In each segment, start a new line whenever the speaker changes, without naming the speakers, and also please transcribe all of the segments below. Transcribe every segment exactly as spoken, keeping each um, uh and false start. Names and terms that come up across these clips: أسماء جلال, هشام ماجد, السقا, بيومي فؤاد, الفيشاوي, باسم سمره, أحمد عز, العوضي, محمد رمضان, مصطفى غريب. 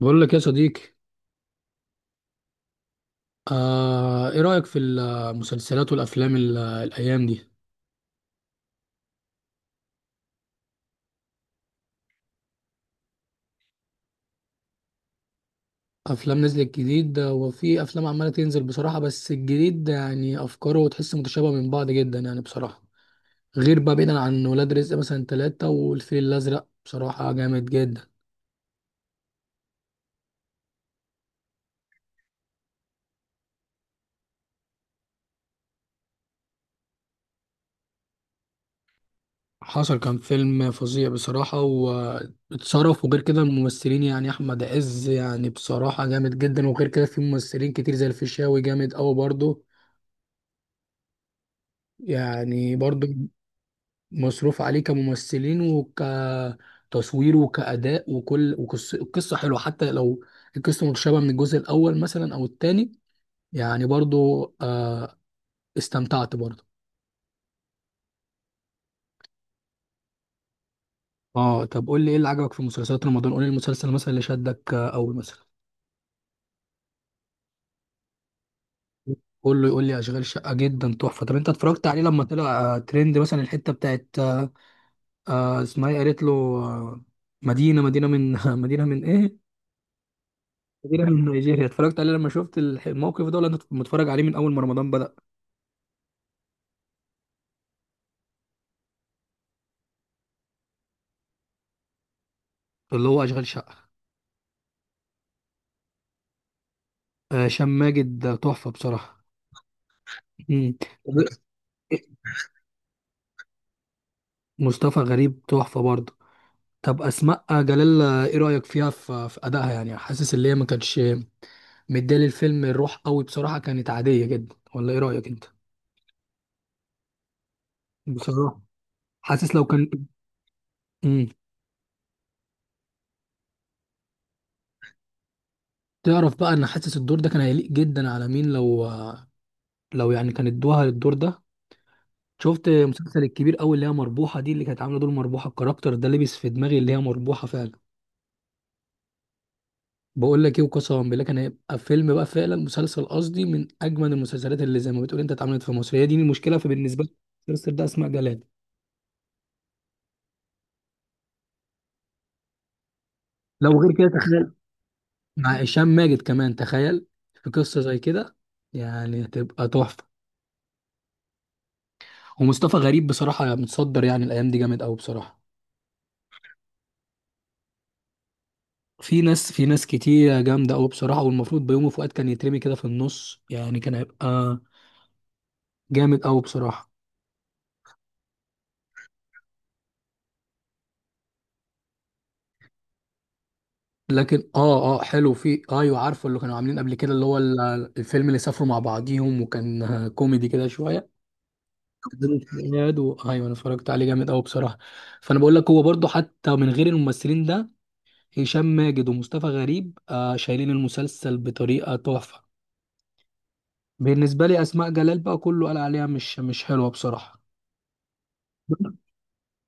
بقول لك يا صديقي. آه ايه رأيك في المسلسلات والافلام ال- الايام دي؟ افلام نزلت جديد وفي افلام عمالة تنزل بصراحة، بس الجديد ده يعني افكاره تحس متشابهة من بعض جدا يعني بصراحة. غير بقى بعيدا عن ولاد رزق مثلا ثلاثة والفيل الازرق، بصراحة جامد جدا. حصل، كان فيلم فظيع بصراحة واتصرف، وغير كده الممثلين يعني أحمد عز يعني بصراحة جامد جدا، وغير كده في ممثلين كتير زي الفيشاوي جامد أوي برضه، يعني برضه مصروف عليه كممثلين وكتصوير وكأداء وكل وقصة، القصة حلوة حتى لو القصة متشابهة من الجزء الأول مثلا أو التاني، يعني برضو. آه استمتعت برضو. اه، طب قول لي ايه اللي عجبك في مسلسلات رمضان؟ قول لي المسلسل مثلا اللي شدك، آه، أول مثلا. قول له يقول لي أشغال شقة جدا تحفة. طب أنت اتفرجت عليه لما طلع آه، ترند مثلا؟ الحتة بتاعت آه، آه، اسمها ايه قالت له؟ آه، مدينة مدينة من مدينة من ايه؟ كبيرة من نيجيريا. اتفرجت عليه لما شفت الح- الموقف ده، ولا انت متفرج عليه من اول ما رمضان بدأ؟ اللي هو اشغال شقة. آه، هشام ماجد ده تحفة بصراحة. مم. مصطفى غريب تحفة برضه. طب أسماء جلال، آه، ايه رأيك فيها؟ في في أدائها، يعني حاسس اللي هي ما كانتش مديه للفيلم الروح قوي بصراحة، كانت عادية جدا، ولا ايه رأيك انت؟ بصراحة حاسس لو كان. مم. تعرف بقى ان حاسس الدور ده كان هيليق جدا على مين لو، لو يعني كان ادوها الدور ده؟ شفت مسلسل الكبير قوي اللي هي مربوحه دي، اللي كانت عامله دور مربوحه؟ الكاركتر ده لبس في دماغي اللي هي مربوحه فعلا. بقول لك ايه، وقسما بالله كان هيبقى فيلم بقى فعلا، مسلسل قصدي، من اجمل المسلسلات اللي زي ما بتقول انت اتعملت في مصر. هي دي المشكله، فبالنسبه لي المسلسل ده اسماء جلال. لو غير كده تخيل، مع هشام ماجد كمان تخيل، في قصه زي كده، يعني هتبقى تحفه. ومصطفى غريب بصراحه متصدر يعني الايام دي جامد قوي بصراحه. في ناس، في ناس كتير جامده قوي بصراحه، والمفروض بيومي فؤاد كان يترمي كده في النص، يعني كان هيبقى جامد قوي بصراحه. لكن اه اه حلو، في ايوه عارفه اللي كانوا عاملين قبل كده، اللي هو ال- الفيلم اللي سافروا مع بعضيهم، وكان آه، كوميدي كده شويه، بدون حلقات و... ايوه انا اتفرجت عليه، جامد قوي بصراحه. فانا بقول لك هو برضو حتى من غير الممثلين ده، هشام ماجد ومصطفى غريب آه شايلين المسلسل بطريقه تحفه. بالنسبه لي اسماء جلال بقى كله قال عليها مش مش حلوه بصراحه،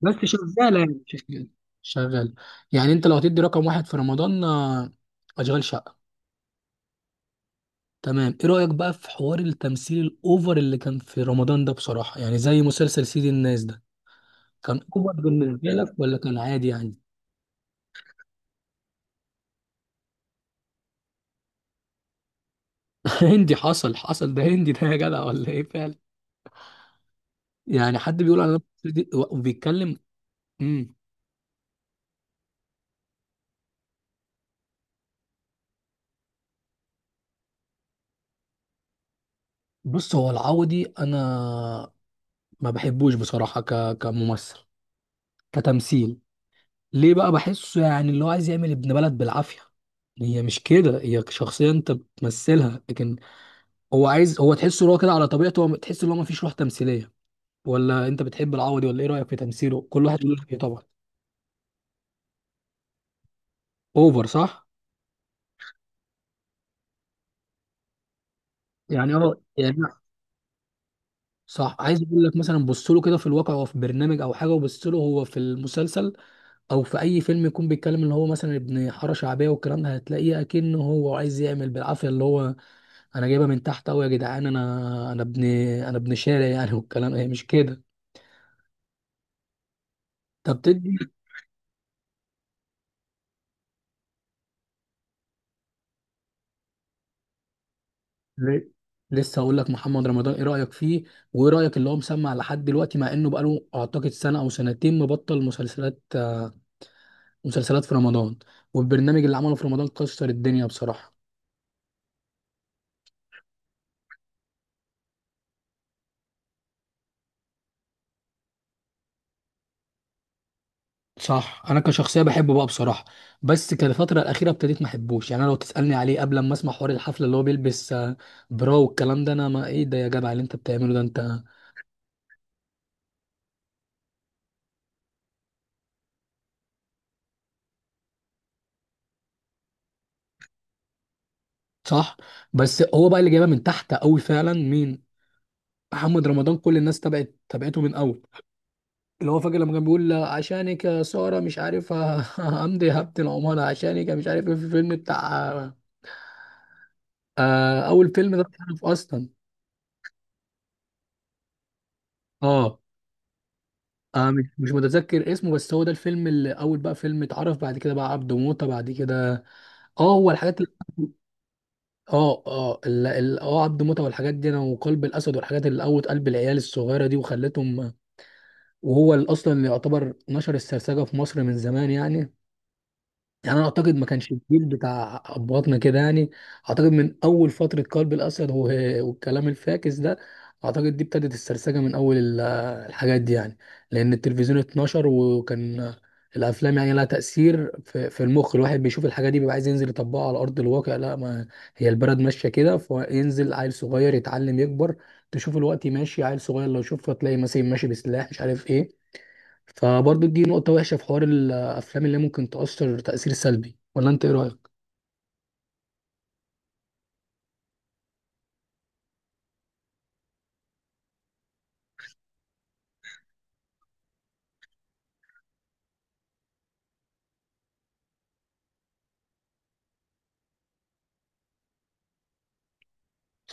بس شغاله يعني شغاله. شغالة. يعني انت لو هتدي رقم واحد في رمضان، آه، اشغال شقه. تمام. ايه رأيك بقى في حوار التمثيل الاوفر اللي كان في رمضان ده بصراحة، يعني زي مسلسل سيد الناس ده، كان اوفر بالنسبة لك ولا كان عادي يعني؟ هندي، حصل حصل ده هندي ده يا جدع، ولا ايه فعلا؟ يعني حد بيقول على نفسه دي- وبيتكلم. امم بص، هو العوضي انا ما بحبوش بصراحة، ك... كممثل، كتمثيل. ليه بقى؟ بحسه يعني اللي هو عايز يعمل ابن بلد بالعافية. هي مش كده، هي شخصية انت بتمثلها، لكن هو عايز، هو تحسه اللي هو كده على طبيعته، هو تحس ان هو مفيش روح تمثيليه. ولا انت بتحب العوضي، ولا ايه رايك في تمثيله؟ كل واحد يقول لك ايه طبعا. اوفر صح. يعني اه يعني. صح، عايز اقول لك مثلا، بص له كده في الواقع هو في برنامج او حاجه، وبص له هو في المسلسل، او في اي فيلم، يكون بيتكلم اللي هو مثلا ابن حاره شعبيه والكلام ده، هتلاقيه اكنه هو عايز يعمل بالعافيه اللي هو: انا جايبها من تحت قوي يا جدعان، انا انا ابن، انا ابن شارع يعني والكلام. هي مش كده. طب تدي ليه؟ لسه هقول لك، محمد رمضان ايه رايك فيه؟ وايه رايك اللي هو مسمع لحد دلوقتي، مع انه بقاله اعتقد سنه او سنتين مبطل مسلسلات مسلسلات في رمضان؟ والبرنامج اللي عمله في رمضان كسر الدنيا بصراحه. صح، انا كشخصيه بحبه بقى بصراحه، بس كان الفتره الاخيره ابتديت ما احبوش، يعني انا لو تسالني عليه قبل ما اسمع حوار الحفله اللي هو بيلبس آه، برا والكلام ده، انا ما ايه ده يا جدع اللي انت بتعمله ده انت! صح. بس هو بقى اللي جايبها من تحت قوي فعلا مين؟ محمد رمضان. كل الناس تبعت تبعته من اول، اللي هو فاكر لما كان بيقول عشانك يا سارة، مش عارف ه- همضي هبة العمارة عشانك، مش عارف ايه، في الفيلم بتاع، آه أول فيلم ده اتعرف أصلا. اه آه، مش مش متذكر اسمه، بس هو ده الفيلم اللي أول بقى فيلم اتعرف، بعد كده بقى عبده موتة، بعد كده. اه هو الحاجات اللي اه اه ال- ال- اه عبد موتة والحاجات دي انا، وقلب الاسد، والحاجات اللي قوت قلب العيال الصغيره دي وخلتهم، وهو اللي اصلا اللي يعتبر نشر السرسجه في مصر من زمان يعني. يعني انا اعتقد ما كانش الجيل بتاع ابهاتنا كده يعني، اعتقد من اول فتره قلب الاسد و- والكلام الفاكس ده، اعتقد دي ابتدت السرسجه من اول ال- الحاجات دي يعني، لان التلفزيون اتنشر. وكان الافلام يعني لها تاثير في, في المخ، الواحد بيشوف الحاجه دي بيبقى عايز ينزل يطبقها على ارض الواقع. لا ما هي البلد ماشيه كده، فينزل عيل صغير يتعلم يكبر، تشوف الوقت ماشي عيل صغير لو شوفه تلاقي مثلا ماشي بسلاح مش عارف ايه. فبرضه دي نقطة وحشة في حوار الأفلام، اللي ممكن تأثر تأثير سلبي، ولا أنت إيه رأيك؟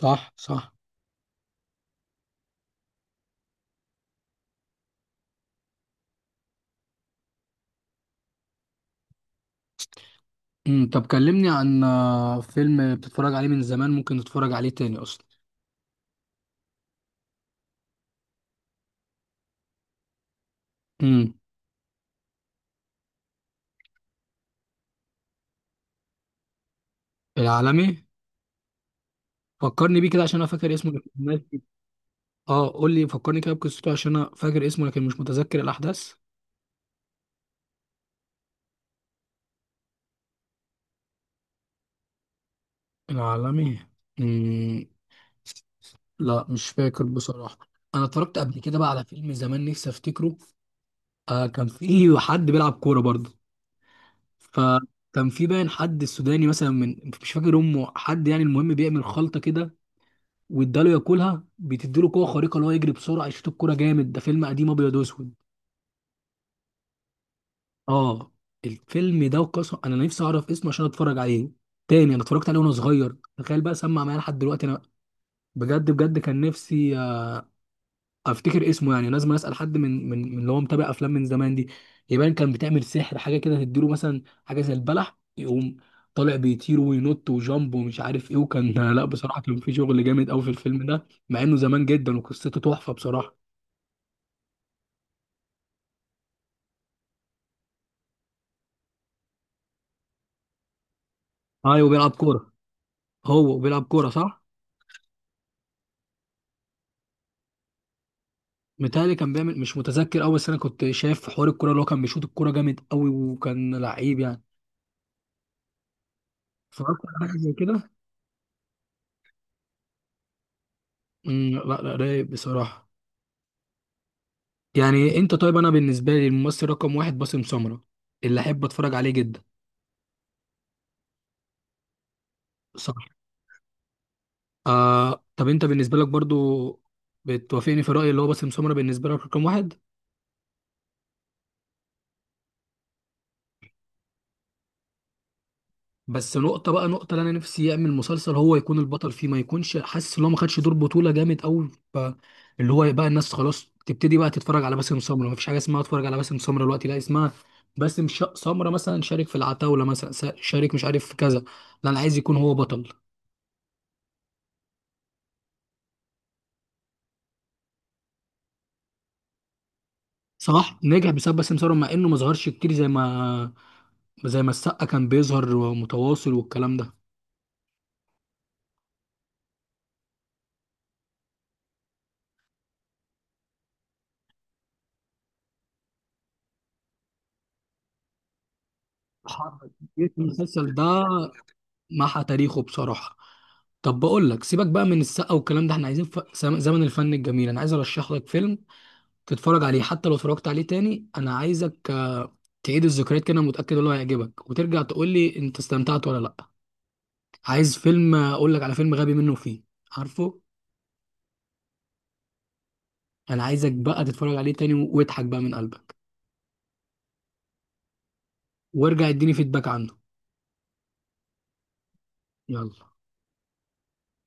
صح صح. امم طب كلمني عن، آه، فيلم بتتفرج عليه من زمان ممكن تتفرج عليه تاني أصلا. امم العالمي، فكرني بيه كده عشان أنا فاكر اسمه لكن ناسي. أه قول لي، فكرني كده بقصته عشان أنا فاكر اسمه لكن مش متذكر الأحداث. العالمي. امم لا مش فاكر بصراحة. أنا اتفرجت قبل كده بقى على فيلم زمان نفسي أفتكره، آه كان فيه حد بيلعب كورة برضه، فكان في باين حد السوداني مثلا من، مش فاكر امه حد يعني، المهم بيعمل خلطه كده واداله ياكلها، بتديله قوه خارقه اللي هو يجري بسرعه، يشوط الكوره جامد. ده فيلم قديم ابيض واسود، اه. الفيلم ده وقصه، انا نفسي اعرف اسمه عشان اتفرج عليه تاني. انا اتفرجت عليه وانا صغير، تخيل بقى سمع معايا لحد دلوقتي انا. بجد بجد كان نفسي افتكر اسمه، يعني لازم اسال حد من من من اللي هو متابع افلام من زمان دي. يبان كان بتعمل سحر حاجه كده، تديله مثلا حاجه زي البلح، يقوم طالع بيطير وينط وجامب ومش عارف ايه. وكان لا بصراحه كان في شغل جامد قوي في الفيلم ده، مع انه زمان جدا، وقصته تحفه بصراحه. ايوه بيلعب كوره. هو بيلعب كوره صح. متهيألي كان بيعمل، مش متذكر قوي، بس انا كنت شايف حوار الكوره اللي هو كان بيشوط الكوره جامد قوي وكان لعيب يعني. اتفرجت على حاجه زي كده. أمم، لا لا رايق بصراحه. يعني انت طيب، انا بالنسبه لي الممثل رقم واحد باسم سمره، اللي احب اتفرج عليه جدا. صح. آه، طب انت بالنسبه لك برضو بتوافقني في رايي اللي هو باسم سمره بالنسبه لك رقم واحد؟ بس نقطه بقى، نقطه اللي انا نفسي يعمل مسلسل هو يكون البطل فيه، ما يكونش حاسس ان هو ما خدش دور بطوله جامد قوي، اللي هو يبقى الناس خلاص تبتدي بقى تتفرج على باسم سمره، ما فيش حاجه اسمها اتفرج على باسم سمره دلوقتي لا، اسمها باسم ش- سمره مثلا شارك في العتاوله مثلا، س- شارك مش عارف في كذا. لا انا عايز يكون هو بطل. صلاح نجح بسبب باسم سمسار، مع انه ما ظهرش كتير زي ما زي ما السقا كان بيظهر ومتواصل والكلام ده. حرك كتير في المسلسل ده، محى تاريخه بصراحة. طب بقول لك سيبك بقى من السقا والكلام ده، احنا عايزين ف... زم- زمن الفن الجميل. انا عايز ارشح لك فيلم تتفرج عليه، حتى لو اتفرجت عليه تاني انا عايزك آه، تعيد الذكريات كده. أنا متأكد ان هو هيعجبك، وترجع تقول لي انت استمتعت ولا لا. عايز فيلم، آه، اقول لك على فيلم غبي منه فيه عارفه. انا عايزك بقى تتفرج عليه تاني واضحك بقى من قلبك، وارجع اديني فيدباك عنه. يلا.